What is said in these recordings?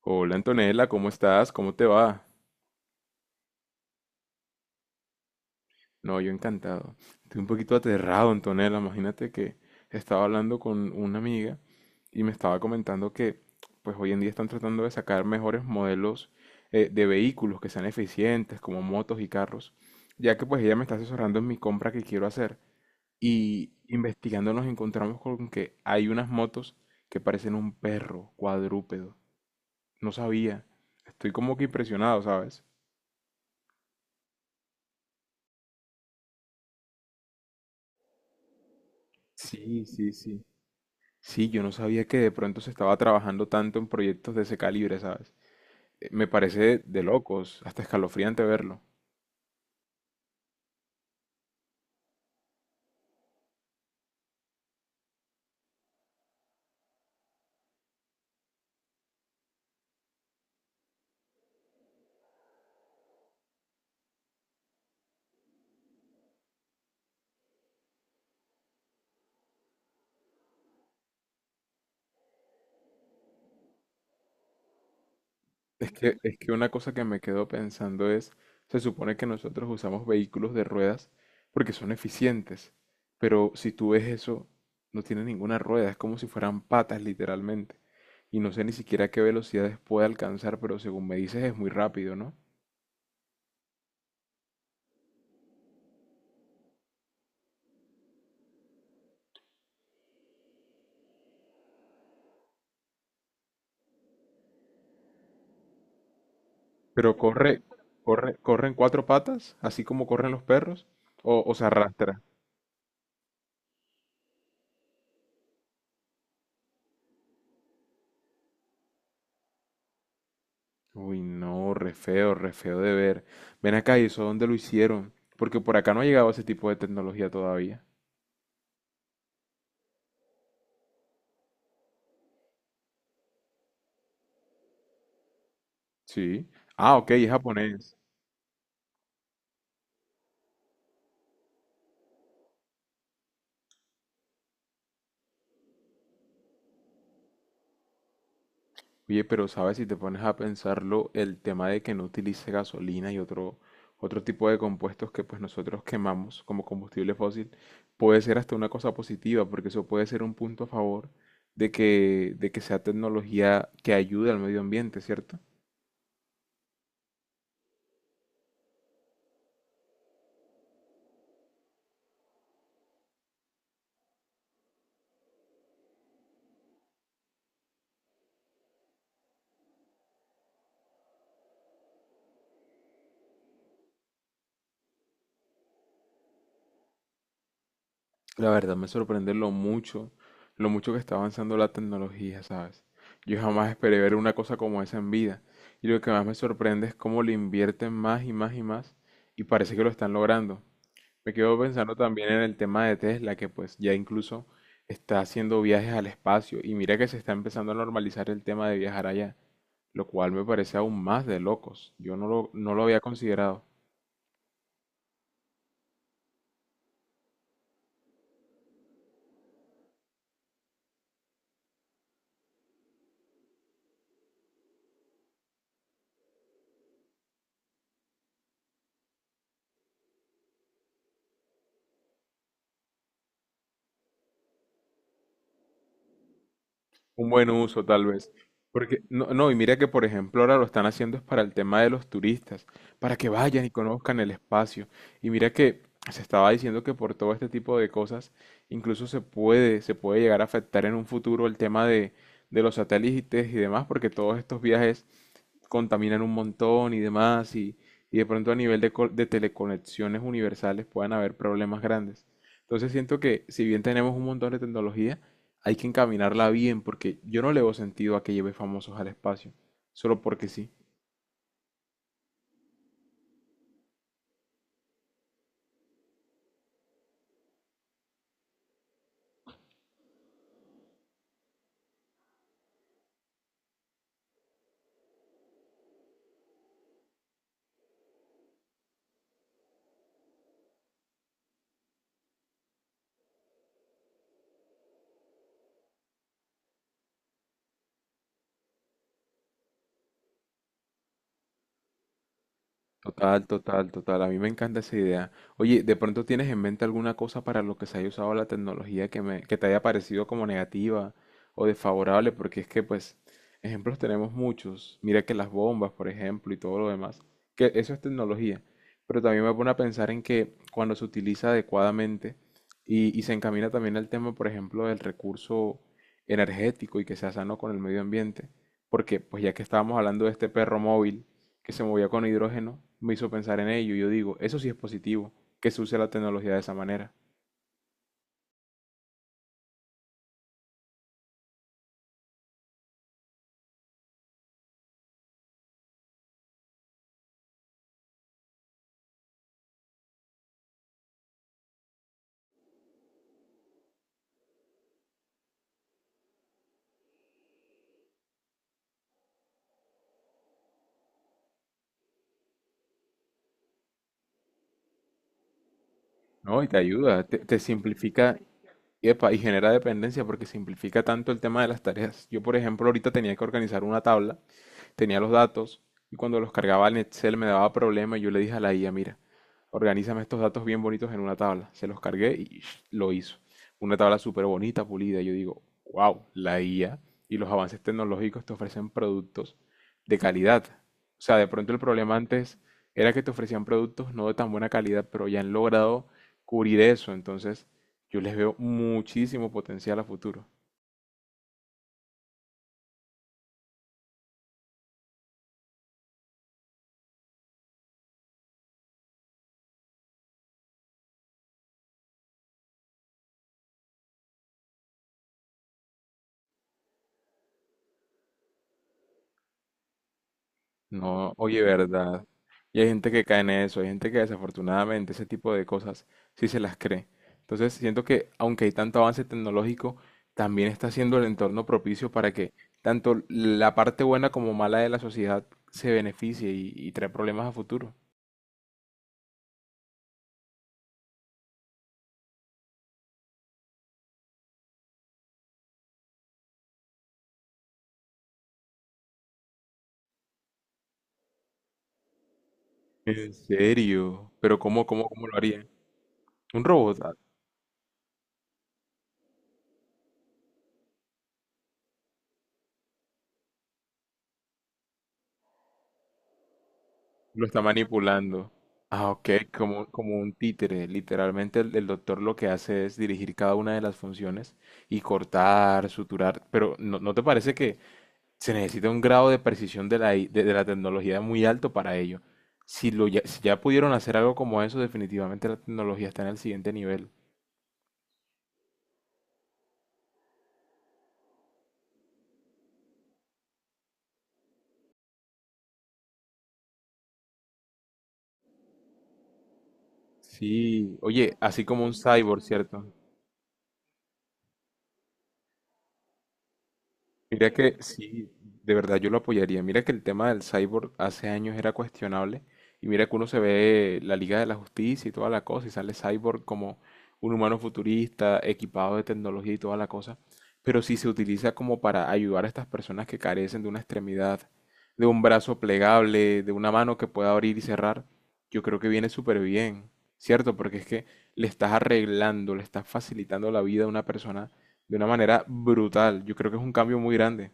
Hola Antonella, ¿cómo estás? ¿Cómo te va? No, yo encantado. Estoy un poquito aterrado, Antonella. Imagínate que estaba hablando con una amiga y me estaba comentando que pues hoy en día están tratando de sacar mejores modelos de vehículos que sean eficientes, como motos y carros, ya que pues ella me está asesorando en mi compra que quiero hacer, y investigando nos encontramos con que hay unas motos que parecen un perro cuadrúpedo. No sabía. Estoy como que impresionado, ¿sabes? Sí, sí, sí. Sí, yo no sabía que de pronto se estaba trabajando tanto en proyectos de ese calibre, ¿sabes? Me parece de locos, hasta escalofriante verlo. Es que una cosa que me quedo pensando es, se supone que nosotros usamos vehículos de ruedas porque son eficientes, pero si tú ves eso, no tiene ninguna rueda, es como si fueran patas literalmente. Y no sé ni siquiera qué velocidades puede alcanzar, pero según me dices es muy rápido, ¿no? Pero corre, corre en cuatro patas, así como corren los perros, o se arrastra. Uy, no, re feo de ver. Ven acá, ¿y eso dónde lo hicieron? Porque por acá no ha llegado ese tipo de tecnología todavía. Sí. Ah, ok, es japonés. Oye, pero sabes, si te pones a pensarlo, el tema de que no utilice gasolina y otro, otro tipo de compuestos que pues nosotros quemamos como combustible fósil, puede ser hasta una cosa positiva, porque eso puede ser un punto a favor de que sea tecnología que ayude al medio ambiente, ¿cierto? La verdad me sorprende lo mucho que está avanzando la tecnología, ¿sabes? Yo jamás esperé ver una cosa como esa en vida. Y lo que más me sorprende es cómo le invierten más y más y más, y parece que lo están logrando. Me quedo pensando también en el tema de Tesla, que pues ya incluso está haciendo viajes al espacio, y mira que se está empezando a normalizar el tema de viajar allá, lo cual me parece aún más de locos. Yo no lo había considerado. Un buen uso, tal vez. Porque, no, no, y mira que, por ejemplo, ahora lo están haciendo es para el tema de los turistas, para que vayan y conozcan el espacio. Y mira que se estaba diciendo que por todo este tipo de cosas, incluso se puede llegar a afectar en un futuro el tema de los satélites y demás, porque todos estos viajes contaminan un montón y demás, y de pronto a nivel de, de teleconexiones universales puedan haber problemas grandes. Entonces siento que si bien tenemos un montón de tecnología, hay que encaminarla bien porque yo no le veo sentido a que lleve famosos al espacio, solo porque sí. Total, total, total. A mí me encanta esa idea. Oye, ¿de pronto tienes en mente alguna cosa para lo que se haya usado la tecnología que te haya parecido como negativa o desfavorable? Porque es que, pues, ejemplos tenemos muchos. Mira que las bombas, por ejemplo, y todo lo demás, que eso es tecnología. Pero también me pone a pensar en que cuando se utiliza adecuadamente y se encamina también al tema, por ejemplo, del recurso energético y que sea sano con el medio ambiente. Porque, pues, ya que estábamos hablando de este perro móvil que se movía con hidrógeno, me hizo pensar en ello. Y yo digo, eso sí es positivo, que se use la tecnología de esa manera. No, y te ayuda, te simplifica, epa, y genera dependencia porque simplifica tanto el tema de las tareas. Yo, por ejemplo, ahorita tenía que organizar una tabla, tenía los datos y cuando los cargaba en Excel me daba problema y yo le dije a la IA, mira, organízame estos datos bien bonitos en una tabla. Se los cargué y sh, lo hizo. Una tabla súper bonita, pulida. Yo digo, wow, la IA y los avances tecnológicos te ofrecen productos de calidad. O sea, de pronto el problema antes era que te ofrecían productos no de tan buena calidad, pero ya han logrado cubrir eso. Entonces, yo les veo muchísimo potencial a futuro. No, oye, verdad. Y hay gente que cae en eso, hay gente que desafortunadamente ese tipo de cosas sí se las cree. Entonces, siento que aunque hay tanto avance tecnológico, también está siendo el entorno propicio para que tanto la parte buena como mala de la sociedad se beneficie, y trae problemas a futuro. ¿En serio? ¿Pero cómo lo haría? ¿Un robot? Lo está manipulando. Ah, ok, como un títere. Literalmente el doctor lo que hace es dirigir cada una de las funciones y cortar, suturar. Pero no te parece que se necesita un grado de precisión de la, de la tecnología muy alto para ello? Si, si ya pudieron hacer algo como eso, definitivamente la tecnología está en el siguiente nivel. Sí, oye, así como un cyborg, ¿cierto? Mira que sí, de verdad yo lo apoyaría. Mira que el tema del cyborg hace años era cuestionable, y mira que uno se ve la Liga de la Justicia y toda la cosa y sale cyborg como un humano futurista, equipado de tecnología y toda la cosa, pero si se utiliza como para ayudar a estas personas que carecen de una extremidad, de un brazo plegable, de una mano que pueda abrir y cerrar, yo creo que viene súper bien, ¿cierto? Porque es que le estás arreglando, le estás facilitando la vida a una persona de una manera brutal. Yo creo que es un cambio muy grande.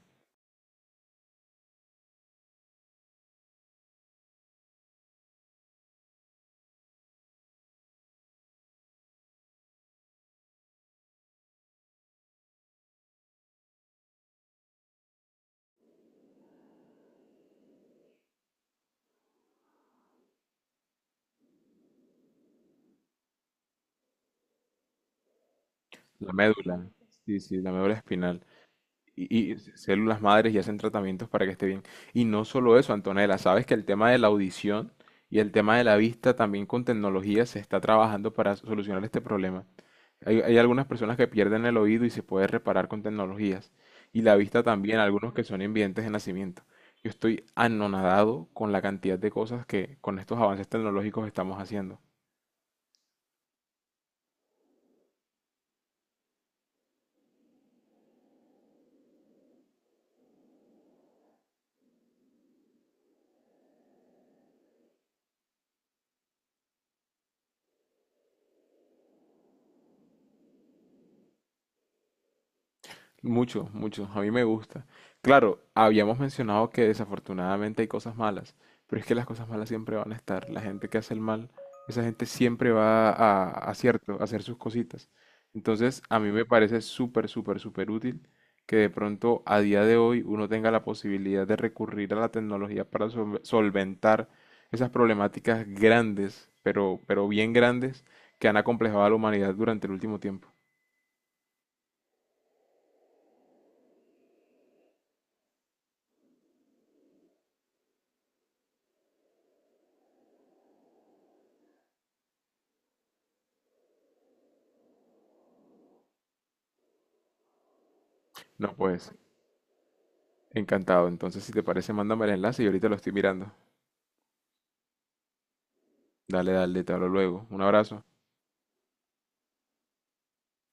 La médula, sí, sí, la médula espinal. Y células madres y hacen tratamientos para que esté bien. Y no solo eso, Antonella, sabes que el tema de la audición y el tema de la vista también con tecnología se está trabajando para solucionar este problema. Hay algunas personas que pierden el oído y se puede reparar con tecnologías. Y la vista también, algunos que son invidentes de nacimiento. Yo estoy anonadado con la cantidad de cosas que con estos avances tecnológicos estamos haciendo. Mucho, mucho. A mí me gusta. Claro, habíamos mencionado que desafortunadamente hay cosas malas, pero es que las cosas malas siempre van a estar. La gente que hace el mal, esa gente siempre va a cierto, a hacer sus cositas. Entonces, a mí me parece súper, súper, súper útil que de pronto a día de hoy uno tenga la posibilidad de recurrir a la tecnología para solventar esas problemáticas grandes, pero bien grandes, que han acomplejado a la humanidad durante el último tiempo. No, puede Encantado. Entonces, si te parece, mándame el enlace y ahorita lo estoy mirando. Dale, dale, te hablo luego. Un abrazo.